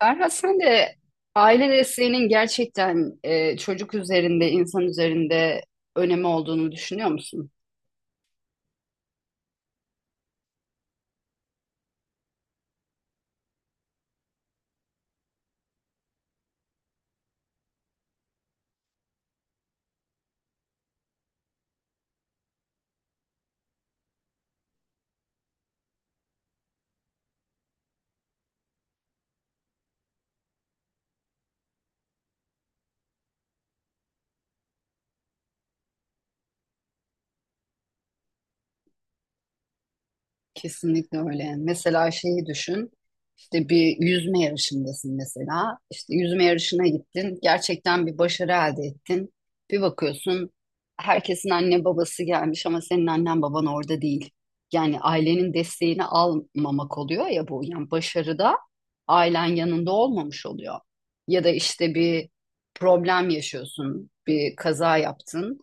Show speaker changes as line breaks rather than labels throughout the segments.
Ferhat sen de aile desteğinin gerçekten çocuk üzerinde, insan üzerinde önemi olduğunu düşünüyor musun? Kesinlikle öyle. Mesela şeyi düşün. İşte bir yüzme yarışındasın mesela. İşte yüzme yarışına gittin. Gerçekten bir başarı elde ettin. Bir bakıyorsun herkesin anne babası gelmiş ama senin annen baban orada değil. Yani ailenin desteğini almamak oluyor ya bu. Yani başarıda ailen yanında olmamış oluyor. Ya da işte bir problem yaşıyorsun, bir kaza yaptın,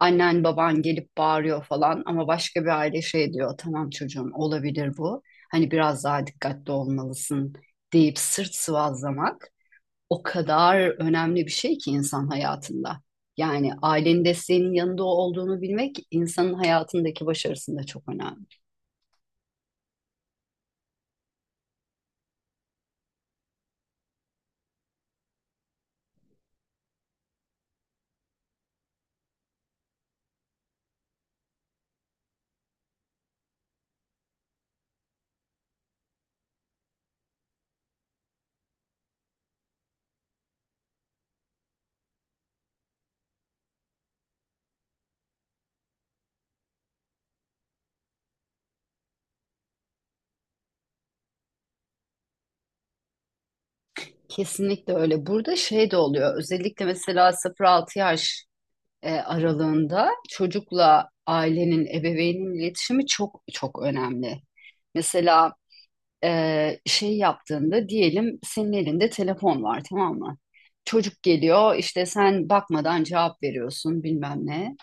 annen baban gelip bağırıyor falan ama başka bir aile şey diyor, tamam çocuğum olabilir bu, hani biraz daha dikkatli olmalısın, deyip sırt sıvazlamak o kadar önemli bir şey ki insan hayatında. Yani ailenin desteğinin yanında olduğunu bilmek insanın hayatındaki başarısında çok önemli. Kesinlikle öyle. Burada şey de oluyor. Özellikle mesela 0-6 yaş aralığında çocukla ailenin, ebeveynin iletişimi çok çok önemli. Mesela şey yaptığında diyelim senin elinde telefon var, tamam mı? Çocuk geliyor işte, sen bakmadan cevap veriyorsun bilmem ne.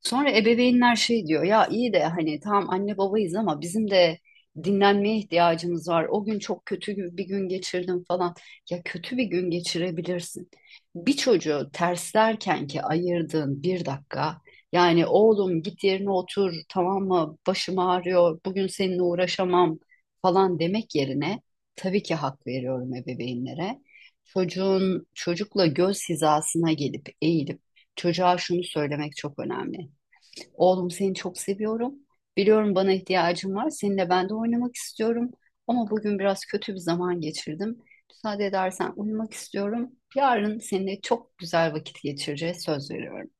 Sonra ebeveynler şey diyor, ya iyi de hani tamam anne babayız ama bizim de dinlenmeye ihtiyacımız var. O gün çok bir gün geçirdim falan. Ya kötü bir gün geçirebilirsin. Bir çocuğu terslerken ki ayırdığın bir dakika, yani oğlum git yerine otur tamam mı, başım ağrıyor bugün seninle uğraşamam falan demek yerine, tabii ki hak veriyorum ebeveynlere. Çocukla göz hizasına gelip eğilip çocuğa şunu söylemek çok önemli. Oğlum seni çok seviyorum. Biliyorum bana ihtiyacın var. Seninle ben de oynamak istiyorum. Ama bugün biraz kötü bir zaman geçirdim. Müsaade edersen uyumak istiyorum. Yarın seninle çok güzel vakit geçireceğiz, söz veriyorum.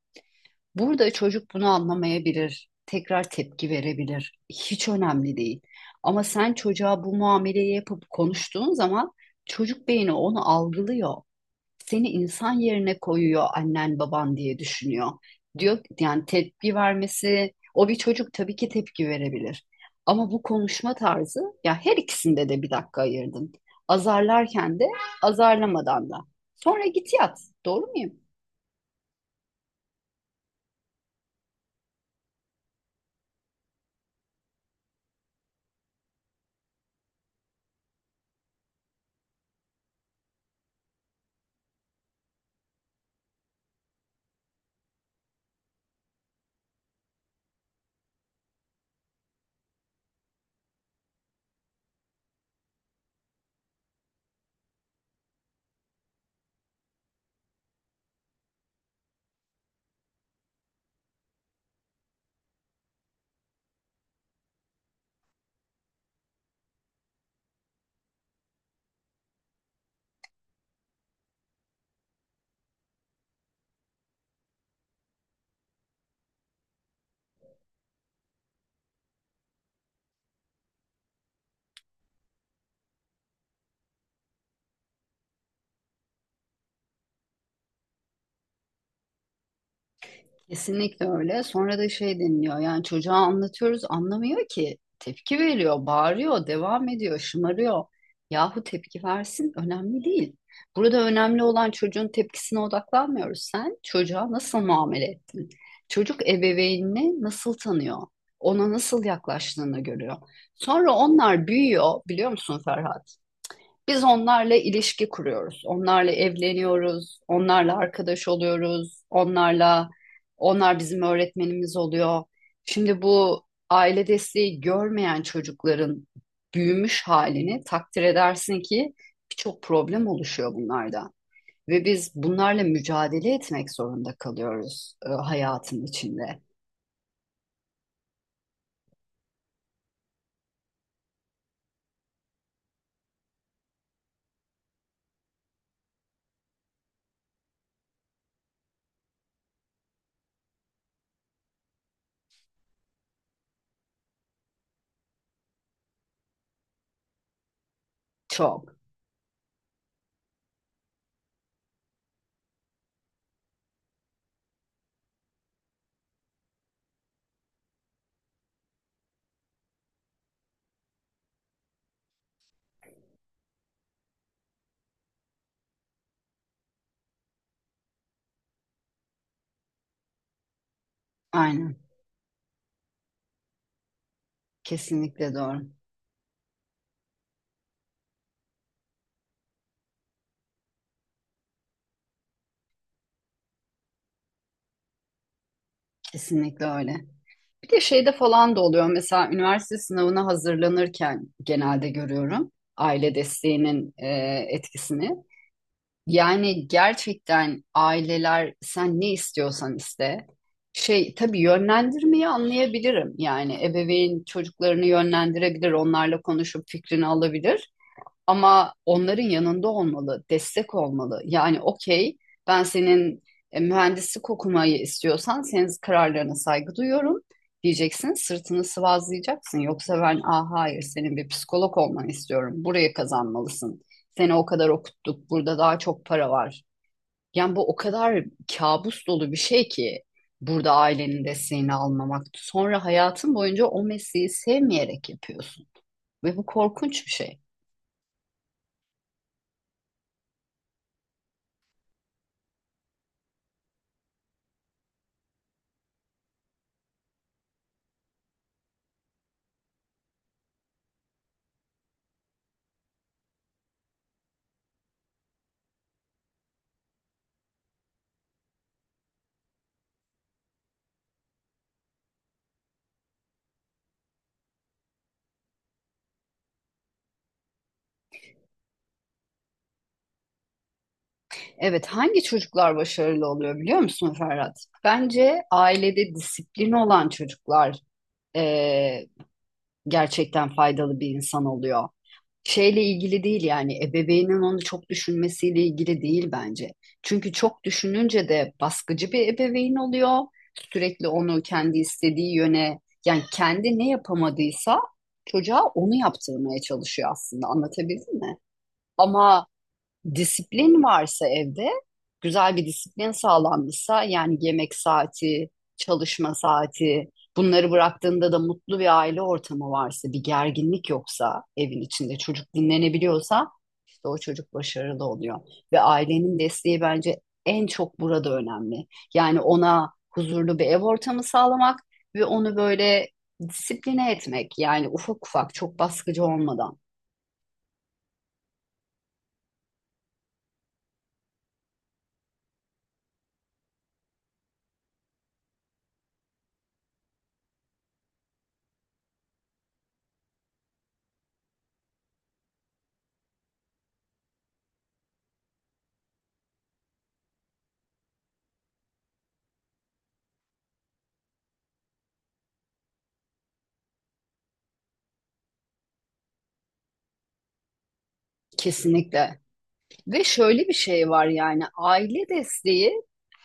Burada çocuk bunu anlamayabilir. Tekrar tepki verebilir. Hiç önemli değil. Ama sen çocuğa bu muameleyi yapıp konuştuğun zaman çocuk beyni onu algılıyor, seni insan yerine koyuyor, annen baban diye düşünüyor. Diyor yani, tepki vermesi, o bir çocuk, tabii ki tepki verebilir. Ama bu konuşma tarzı ya, her ikisinde de bir dakika ayırdın. Azarlarken de, azarlamadan da. Sonra git yat. Doğru muyum? Kesinlikle öyle. Sonra da şey deniliyor. Yani çocuğa anlatıyoruz, anlamıyor ki. Tepki veriyor, bağırıyor, devam ediyor, şımarıyor. Yahu tepki versin, önemli değil. Burada önemli olan, çocuğun tepkisine odaklanmıyoruz. Sen çocuğa nasıl muamele ettin? Çocuk ebeveynini nasıl tanıyor? Ona nasıl yaklaştığını görüyor. Sonra onlar büyüyor, biliyor musun Ferhat? Biz onlarla ilişki kuruyoruz. Onlarla evleniyoruz, onlarla arkadaş oluyoruz, onlarla, onlar bizim öğretmenimiz oluyor. Şimdi bu aile desteği görmeyen çocukların büyümüş halini takdir edersin ki birçok problem oluşuyor bunlarda. Ve biz bunlarla mücadele etmek zorunda kalıyoruz hayatın içinde. Çok. Aynen. Kesinlikle doğru. Kesinlikle öyle. Bir de şeyde falan da oluyor, mesela üniversite sınavına hazırlanırken genelde görüyorum aile desteğinin etkisini. Yani gerçekten aileler, sen ne istiyorsan iste. Şey tabii, yönlendirmeyi anlayabilirim. Yani ebeveyn çocuklarını yönlendirebilir, onlarla konuşup fikrini alabilir. Ama onların yanında olmalı, destek olmalı. Yani okey, ben senin mühendislik okumayı istiyorsan senin kararlarına saygı duyuyorum diyeceksin. Sırtını sıvazlayacaksın. Yoksa ben ah hayır, senin bir psikolog olmanı istiyorum. Buraya kazanmalısın. Seni o kadar okuttuk. Burada daha çok para var. Yani bu o kadar kabus dolu bir şey ki, burada ailenin desteğini almamak. Sonra hayatın boyunca o mesleği sevmeyerek yapıyorsun. Ve bu korkunç bir şey. Evet, hangi çocuklar başarılı oluyor biliyor musun Ferhat? Bence ailede disiplin olan çocuklar eee, gerçekten faydalı bir insan oluyor. Şeyle ilgili değil, yani ebeveynin onu çok düşünmesiyle ilgili değil bence. Çünkü çok düşününce de baskıcı bir ebeveyn oluyor. Sürekli onu kendi istediği yöne, yani kendi ne yapamadıysa çocuğa onu yaptırmaya çalışıyor aslında, anlatabildim mi? Ama disiplin varsa evde, güzel bir disiplin sağlanmışsa, yani yemek saati, çalışma saati, bunları bıraktığında da mutlu bir aile ortamı varsa, bir gerginlik yoksa evin içinde, çocuk dinlenebiliyorsa işte o çocuk başarılı oluyor. Ve ailenin desteği bence en çok burada önemli. Yani ona huzurlu bir ev ortamı sağlamak ve onu böyle disipline etmek, yani ufak ufak, çok baskıcı olmadan. Kesinlikle. Ve şöyle bir şey var, yani aile desteği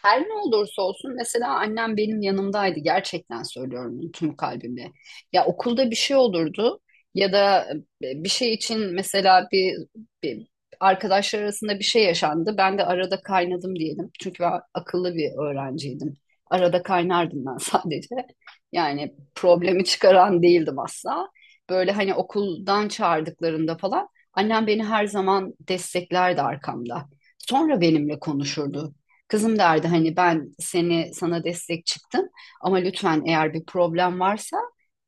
her ne olursa olsun, mesela annem benim yanımdaydı, gerçekten söylüyorum bunu tüm kalbimle. Ya okulda bir şey olurdu ya da bir şey için, mesela bir arkadaşlar arasında bir şey yaşandı. Ben de arada kaynadım diyelim. Çünkü ben akıllı bir öğrenciydim. Arada kaynardım ben sadece. Yani problemi çıkaran değildim asla. Böyle hani okuldan çağırdıklarında falan, annem beni her zaman desteklerdi arkamda. Sonra benimle konuşurdu. Kızım derdi hani, ben seni, sana destek çıktım ama lütfen eğer bir problem varsa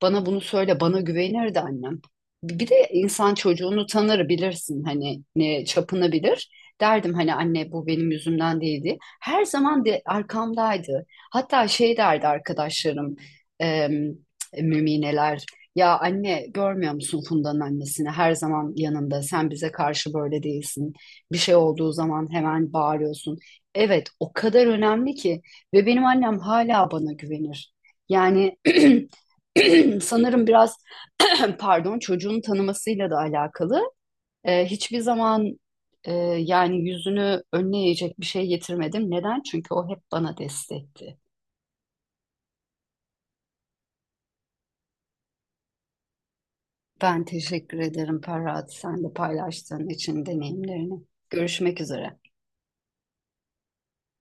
bana bunu söyle, bana güvenirdi annem. Bir de insan çocuğunu tanır, bilirsin hani ne çapını bilir. Derdim hani anne, bu benim yüzümden değildi. Her zaman de arkamdaydı. Hatta şey derdi arkadaşlarım, em, mümineler, ya anne görmüyor musun Funda'nın annesini? Her zaman yanında. Sen bize karşı böyle değilsin. Bir şey olduğu zaman hemen bağırıyorsun. Evet, o kadar önemli ki, ve benim annem hala bana güvenir. Yani sanırım biraz pardon, çocuğun tanımasıyla da alakalı. Hiçbir zaman e, yani yüzünü önüne eğecek bir şey getirmedim. Neden? Çünkü o hep bana destekti. Ben teşekkür ederim Ferhat, sen de paylaştığın için deneyimlerini. Görüşmek üzere.